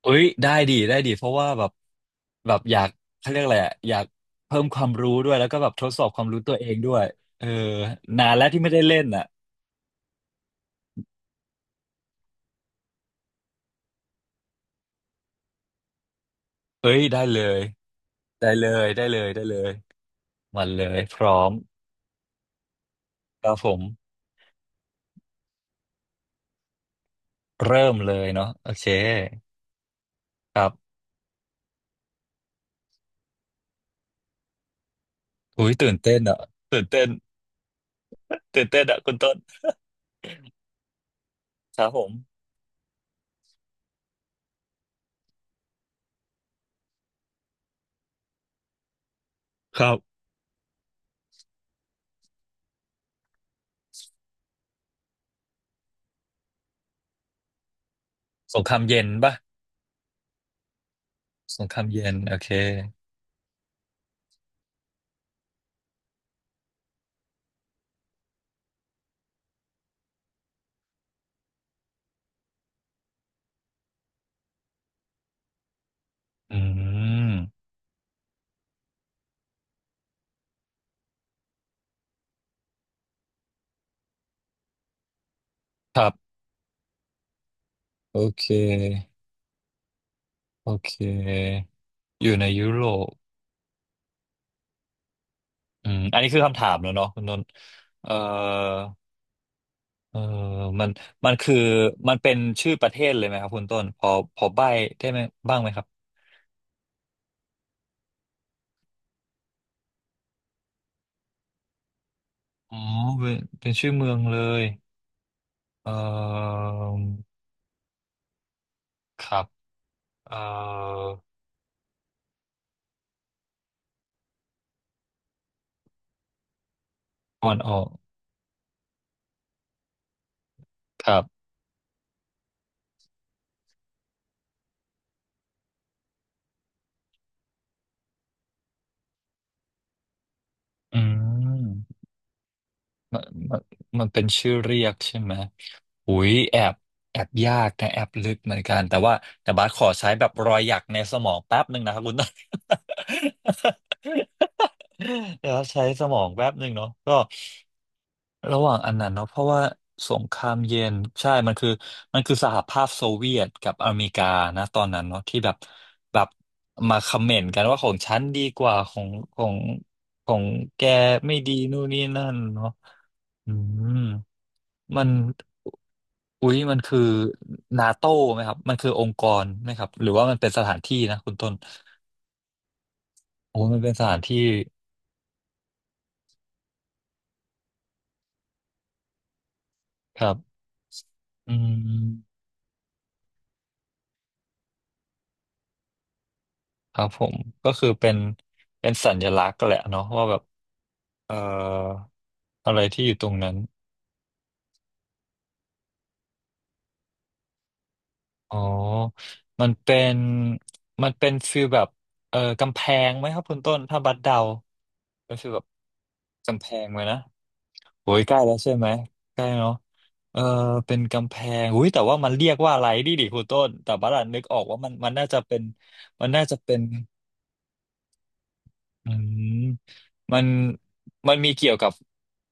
เอ้ยได้ดีได้ดีเพราะว่าแบบอยากเขาเรียกอะไรอะอยากเพิ่มความรู้ด้วยแล้วก็แบบทดสอบความรู้ตัวเองด้วยเออนานแล้วที่ไม่ได้เล่นอ่ะเอ้ยได้เลยได้เลยได้เลยได้เลยมาเลยพร้อมครับผมเริ่มเลยเนาะโอเคครับอุ้ยตื่นเต้นอ่ะตื่นเต้นตื่นเต้นอ่ะคุณต้นครับผมครับสงครามเย็นปะสงครามเย็นโอเคอืมครับโอเคโอเคอยู่ในยุโรป อืมอันนี้คือคำถามแล้วเนาะคุณนนท์เออเออมันมันคือมันเป็นชื่อประเทศเลยไหมครับคุณต้นพอใบ้ได้ไหมบ้างไหมครับอ๋อเป็นชื่อเมืองเลยเออครับเออตะวันออกครับอืม มันมันมันเป็นชื่อเรียกใช่ไหมหุยแอบแอบยากนะแอบลึกเหมือนกันแต่ว่าแต่บาสขอใช้แบบรอยหยักในสมองแป๊บหนึ่งนะครับคุณ ต้น เดี๋ยวใช้สมองแป๊บหนึ่งเนาะก็ระหว่างอันนั้นเนาะเพราะว่าสงครามเย็นใช่มันคือมันคือสหภาพโซเวียตกับอเมริกานะตอนนั้นเนาะที่แบบแบบมาคอมเมนต์กันว่าของฉันดีกว่าของของของแกไม่ดีนู่นนี่นั่นเนาะอืม มัน อุ๊ย มันคือนาโต้ไหมครับมันคือองค์กรไหมครับ หรือว่ามันเป็นสถานที่นะคุณต้นโอ้มันเป็นสถานที่ครับอืมครับผมก็คือเป็นเป็นสัญลักษณ์แหละเนาะว่าแบบเอ่ออะไรที่อยู่ตรงนั้น อ๋อมันเป็นมันเป็นฟีลแบบกำแพงไหมครับคุณต้น ถ้าบัดเดาเป็นฟีลแบบกำแพงไหมนะ โอ้ยใกล้แล้วใช่ไหมใกล้เนาะเออเป็นกำแพงอุ้ยแต่ว่ามันเรียกว่าอะไรดิคุณต้นแต่บัดนึกออกว่ามันน่าจะเป็นมันน่าจะเป็นอืมมันมันมีเกี่ยวกับ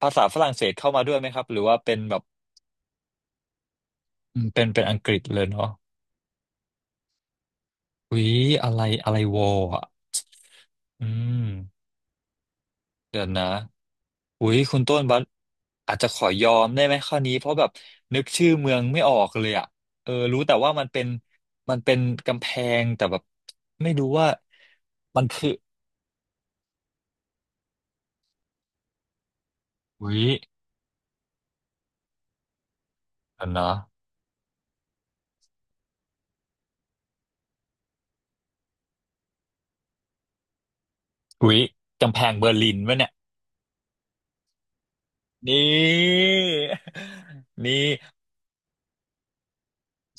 ภาษาฝรั่งเศสเข้ามาด้วยไหมครับหรือว่าเป็นแบบอืมเป็นอังกฤษเลยเนาะอุ้ยอะไรอะไรวอลอ่ะอืม เดี๋ยวนะอุ้ยคุณต้นบัสอาจจะขอยอมได้ไหมข้อนี้เพราะแบบนึกชื่อเมืองไม่ออกเลยอ่ะเออรู้แต่ว่ามันเป็นมันเป็นกำแพงแต่แบบไม่รู้ว่ามันคืออุ้ยเดี๋ยวนะอุ้ยกำแพงเบอร์ลินวะเนี่ยนี่ นี่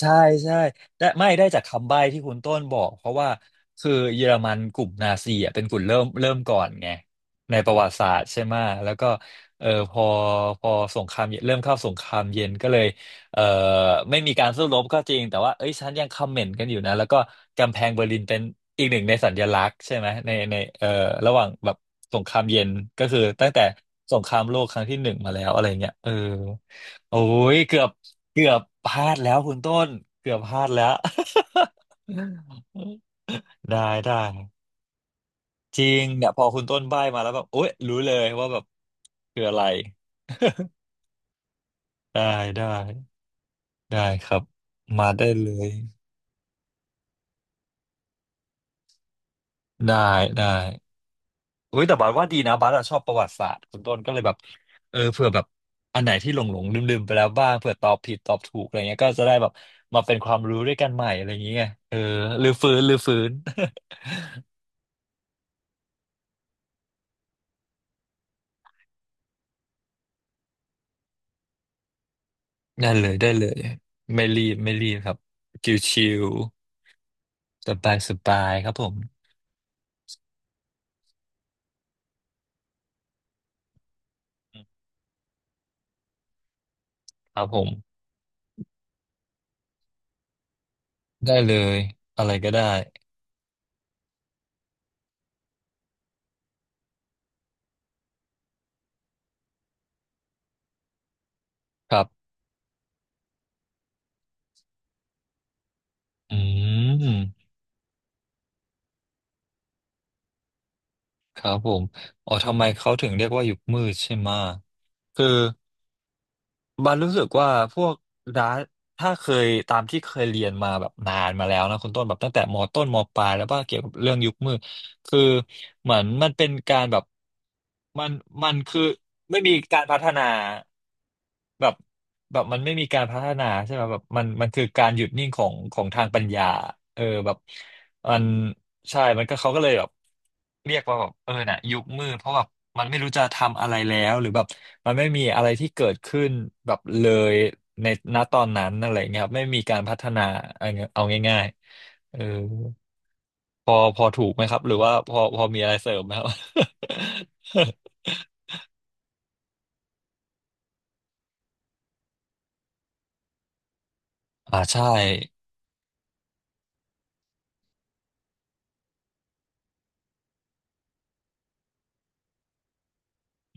ใช่ใช่ได้ไม่ได้จากคำใบ้ที่คุณต้นบอกเพราะว่าคือเยอรมันกลุ่มนาซีอ่ะเป็นกลุ่มเริ่มก่อนไงในประวัติศาสตร์ใช่ไหมแล้วก็เออพอสงครามเย็นเริ่มเข้าสงครามเย็นก็เลยเออไม่มีการสู้รบก็จริงแต่ว่าเอ้ยฉันยังคอมเมนต์กันอยู่นะแล้วก็กำแพงเบอร์ลินเป็นอีกหนึ่งในสัญลักษณ์ใช่ไหมในเออระหว่างแบบสงครามเย็นก็คือตั้งแต่สงครามโลกครั้งที่หนึ่งมาแล้วอะไรเงี้ยเออ โอ้ยเกือบพลาดแล้วคุณต้นเกือบพลาดแล้ว ได้ได้จริงเนี่ยพอคุณต้นใบ้มาแล้วแบบโอ๊ยรู้เลยว่าแบบคืออะไร ได้ได้ได้ครับมาได้เลยได้ได้เฮ้ยแต่บัสว่าดีนะบัสอะชอบประวัติศาสตร์คุณต้นก็เลยแบบเออเผื่อแบบอันไหนที่หลงหลงลืมลืมๆไปแล้วบ้างเผื่อตอบผิดตอบถูกอะไรเงี้ยก็จะได้แบบมาเป็นความรู้ด้วยกันใหม่อะไรอย่างเงี้ยเออรื้อฟื้นรื้อฟื้น ได้เลยได้เลยไม่รีบไม่รีบครับชิวๆสบายสบายครับผมอืมครับผมได้เลยอะไรก็ได้ครับอืมครับผมอ๋อทำไมเขาถึงเรียกว่ายุคมืดใช่ไหมะคือ บันรู้สึกว่าพวกดาร์ถ้าเคยตามที่เคยเรียนมาแบบนานมาแล้วนะคุณต้นแบบตั้งแต่มต้นมปลายแล้วว่าเกี่ยวกับเรื่องยุคมืดคือเหมือนมันเป็นการแบบมันมันคือไม่มีการพัฒนาแบบแบบมันไม่มีการพัฒนาใช่ไหมแบบมันคือการหยุดนิ่งของของทางปัญญาเออแบบ มันใช่ มันก็เขาก็เลยแบบเรียกว่าแบบเออน่ะยุคมืดเพราะแบบมันไม่รู้จะทำอะไรแล้วหรือแบบมันไม่มีอะไรที่เกิดขึ้นแบบเลยในณตอนนั้นอะไรเงี้ยครับไม่มีการพัฒนาเอาเอาง่ายๆเออพอถูกไหมครับหรือว่าพอมีอะไรเสริมไหมครับ อ่าใช่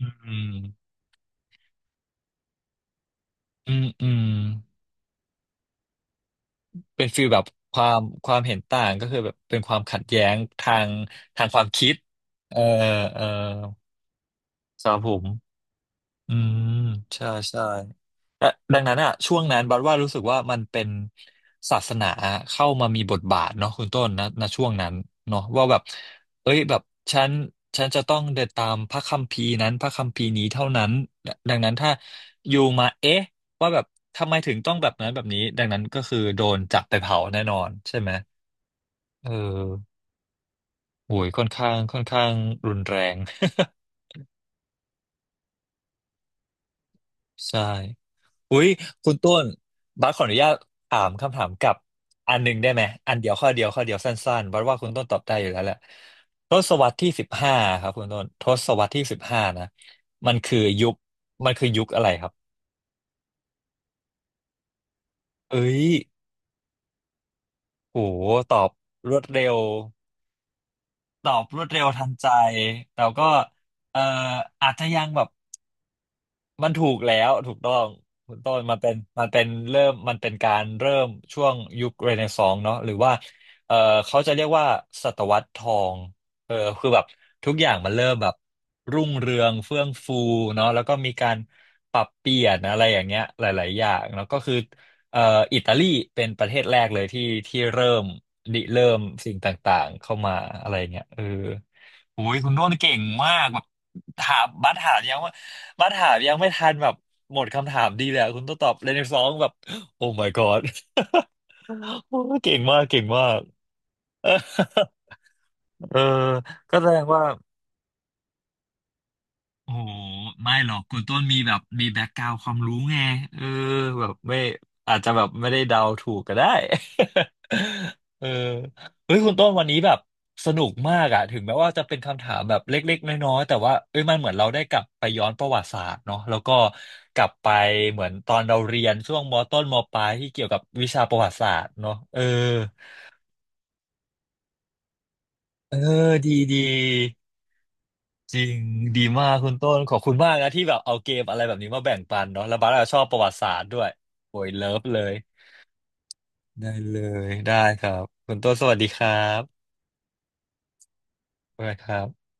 อืมอืมอืมเป็นฟีลแบบความเห็นต่างก็คือแบบเป็นความขัดแย้งทางทางความคิดเออเออ สำหรับผมอืมใช่ใช่และดังนั้นอ่ะช่วงนั้นบัดว่ารู้สึกว่ามันเป็นศาสนาเข้ามามีบทบาทเนาะคุณต้นนะณช่วงนั้นเนาะว่าแบบเอ้ยแบบฉันฉันจะต้องเดินตามพระคัมภีร์นั้นพระคัมภีร์นี้เท่านั้นดังนั้นถ้าอยู่มาเอ๊ะว่าแบบทำไมถึงต้องแบบนั้นแบบนี้ดังนั้นก็คือโดนจับไปเผาแน่นอนใช่ไหมเออโหยค่อนข้างรุนแรง ใช่ อุ้ยคุณต้นบัสขออนุญาตถามคำถามกลับอันหนึ่งได้ไหมอันเดียวข้อเดียวข้อเดียวสั้นๆบัสว่าคุณต้นตอบได้อยู่แล้วแหละทศวรรษที่สิบห้าครับคุณต้นทศวรรษที่สิบห้านะมันคือยุคมันคือยุคอะไรครับเอ้ยโหตอบรวดเร็วตอบรวดเร็วทันใจแล้วก็เอ่ออาจจะยังแบบ มันถูกแล้วถูกต้องคุณต้นมันเป็นเริ่มมันเป็นการเริ่มช่วงยุคเรเนซองส์เนาะหรือว่าเออเขาจะเรียกว่าศตวรรษทองเออคือแบบทุกอย่างมันเริ่มแบบรุ่งเรืองเฟื่องฟูเนาะแล้วก็มีการปรับเปลี่ยนอะไรอย่างเงี้ยหลายๆอย่างแล้วก็คือเอ่ออิตาลีเป็นประเทศแรกเลยที่ที่เริ่มริเริ่มสิ่งต่างๆเข้ามาอะไรเงี้ยเออโอ้ยคุณโน้นเก่งมาก ถามบัสถามยังว่าบัสถามยังไม่ทันแบบหมดคำถามดีเลยอะคุณต้องตอบเรเนซองแบบโอ้ my god โอ้เก่งมากเก่งมาก เออก็แสดงว่า โอ้โหไม่หรอกคุณต้นมีแบบมีแบ็กกราวด์ความรู้ไงเออแบบไม่อาจจะแบบไม่ได้เดาถูกก็ได้ เออเฮ้ยคุณต้นวันนี้แบบสนุกมากอะถึงแม้ว่าจะเป็นคำถามแบบเล็กๆน้อยๆแต่ว่าเอ้ยมันเหมือนเราได้กลับไปย้อนประวัติศาสตร์เนาะแล้วก็กลับไปเหมือนตอนเราเรียนช่วงมต้นมปลายที่เกี่ยวกับวิชาประวัติศาสตร์เนาะเออเออดีดี จริงดีมากคุณต้นขอบคุณมากนะที่แบบเอาเกมอะไรแบบนี้มาแบ่งปันเนาะแล้วบาร์ก็ชอบประวัติศาสตร์ด้วยโอ้ยเลิฟเลยได้เลยได้ครับคุณต้นสวัสดีครับบ๊ายบายครับ